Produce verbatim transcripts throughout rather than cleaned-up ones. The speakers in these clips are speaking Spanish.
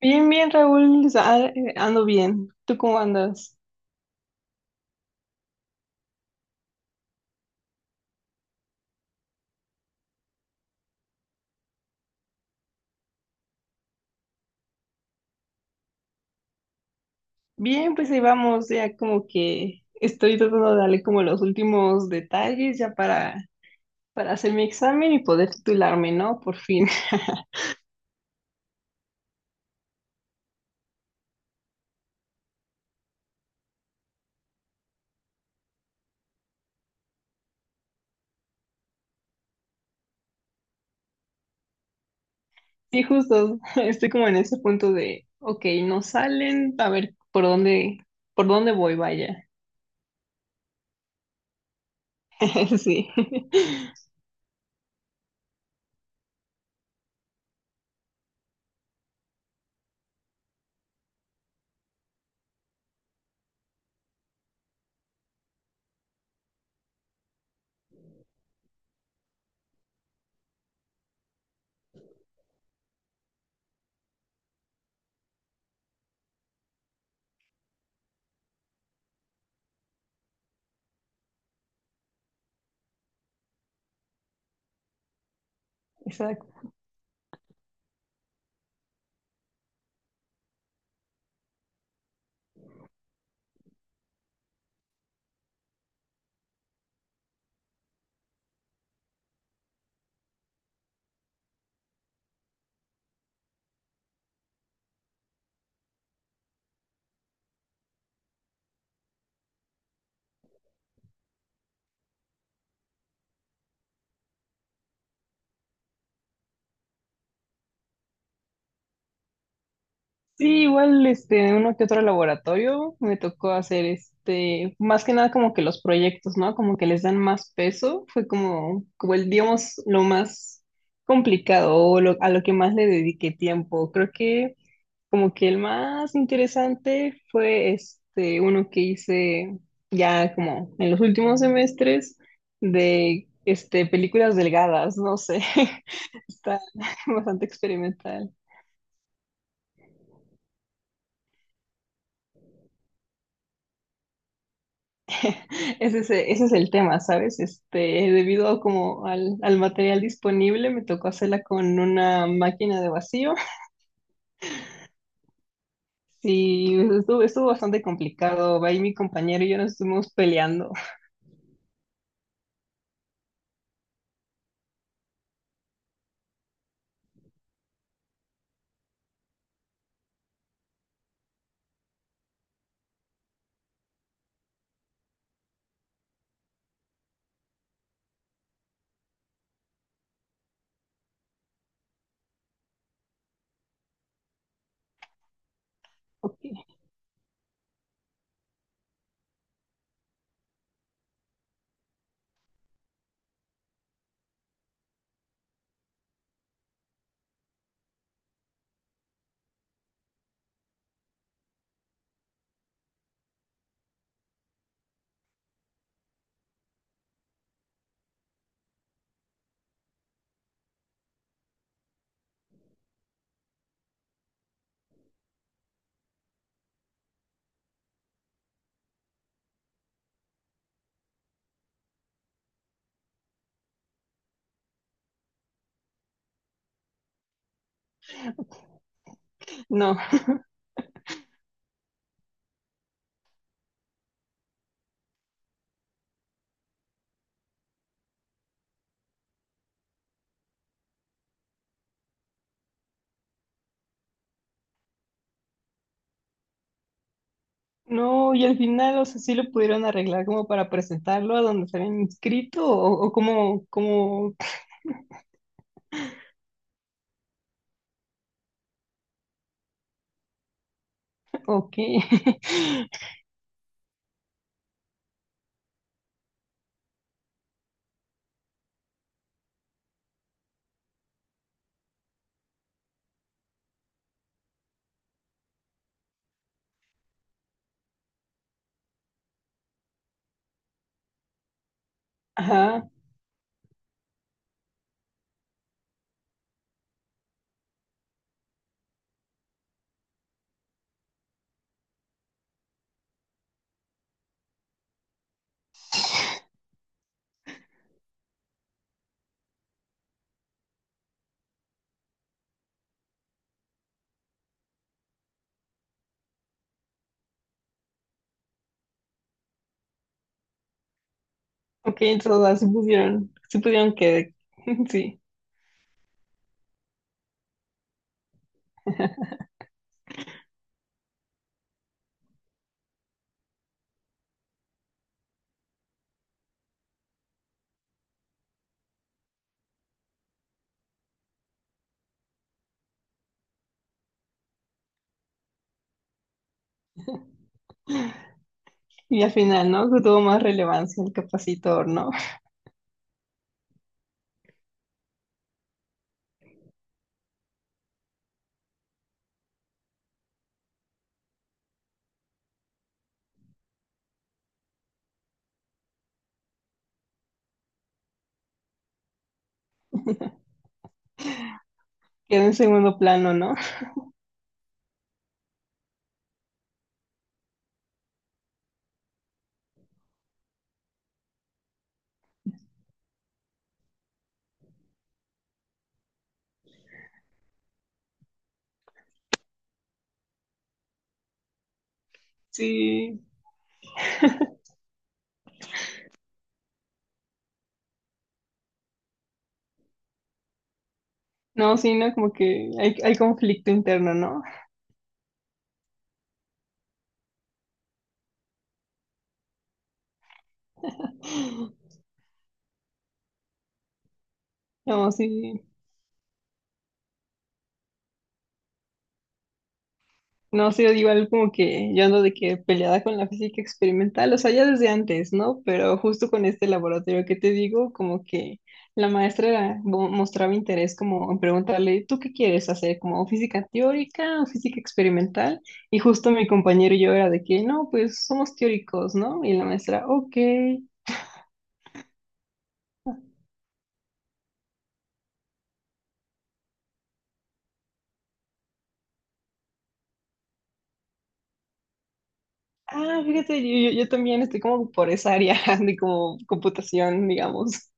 Bien, bien, Raúl, o sea, eh, ando bien. ¿Tú cómo andas? Bien, pues ahí vamos, ya como que estoy tratando de darle como los últimos detalles ya para, para hacer mi examen y poder titularme, ¿no? Por fin. Sí, justo, estoy como en ese punto de, ok, no salen, a ver por dónde, por dónde voy, vaya. Sí, exacto. Sí, igual este, uno que otro laboratorio me tocó hacer este, más que nada como que los proyectos, ¿no? Como que les dan más peso, fue como, como el, digamos, lo más complicado o lo- a lo que más le dediqué tiempo. Creo que como que el más interesante fue este, uno que hice ya como en los últimos semestres de este, películas delgadas, no sé, está bastante experimental. Ese es, ese es el tema, ¿sabes? Este, debido a como al, al material disponible, me tocó hacerla con una máquina de vacío. Sí, estuvo, estuvo bastante complicado. Ahí mi compañero y yo nos estuvimos peleando. Ok. No, no, y al final, o sea, sí lo pudieron arreglar como para presentarlo a donde se habían inscrito o, o como, como, ok. Ajá, ok, entonces se sea, sí pusieron, sí pudieron que, sí. Y al final, ¿no? Que tuvo más relevancia el capacitor, ¿no? Quedó en segundo plano, ¿no? Sí, no, sí, ¿no? Como que hay, hay conflicto interno, ¿no? No, sí. No sé, yo digo algo como que yo ando de que peleada con la física experimental, o sea, ya desde antes, ¿no? Pero justo con este laboratorio que te digo, como que la maestra era- mo- mostraba interés como en preguntarle, ¿tú qué quieres hacer? ¿Como física teórica o física experimental? Y justo mi compañero y yo era de que, no, pues somos teóricos, ¿no? Y la maestra, ok. Ah, fíjate, yo, yo yo también estoy como por esa área de como computación, digamos.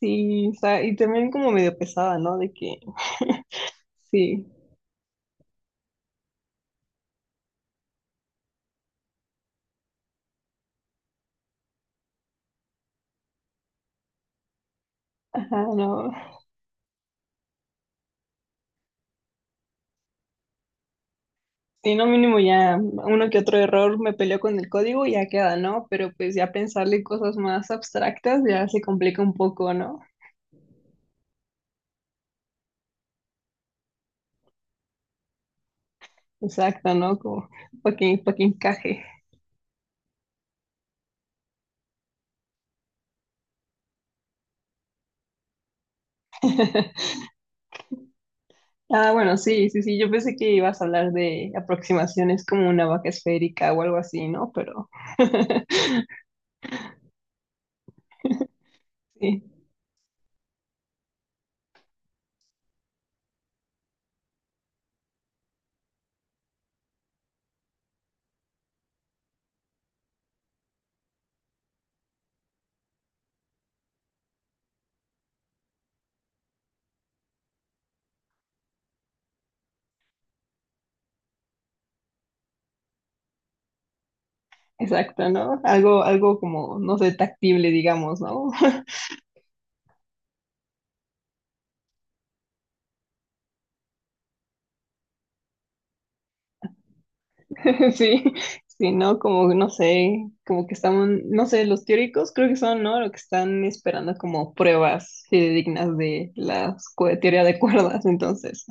Sí, o sea, y también como medio pesada, ¿no? De que... Sí, ajá, no. Si no mínimo ya uno que otro error me peleó con el código y ya queda, ¿no? Pero pues ya pensarle cosas más abstractas ya se complica un poco, ¿no? Exacto, ¿no? Como para que, para que encaje. Ah, bueno, sí, sí, sí, yo pensé que ibas a hablar de aproximaciones como una vaca esférica o algo así, ¿no? Pero sí, exacto, ¿no? Algo, algo como, no sé, tactible, digamos, ¿no? Sí, sí, ¿no? Como, no sé, como que están, no sé, los teóricos creo que son, ¿no? Lo que están esperando como pruebas dignas de la escu- teoría de cuerdas, entonces.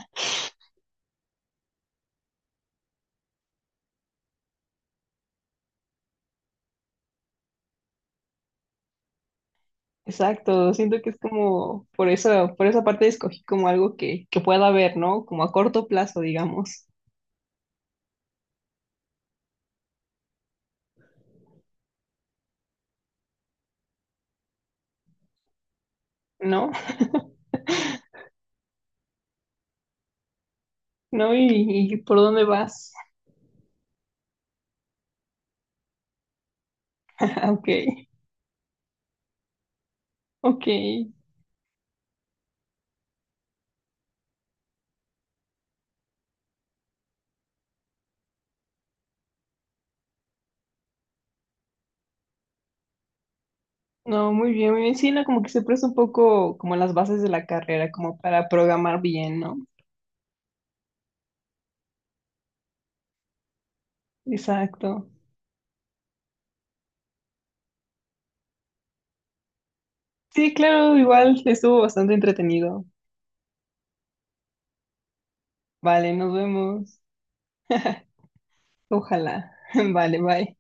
Exacto, siento que es como, por eso, por esa parte escogí como algo que, que pueda ver, ¿no? Como a corto plazo, digamos, ¿no? ¿No? ¿Y, y por dónde vas? Ok, ok. No, muy bien, muy bien. Sí, no, como que se presta un poco como las bases de la carrera, como para programar bien, ¿no? Exacto. Sí, claro, igual estuvo bastante entretenido. Vale, nos vemos. Ojalá. Vale, bye.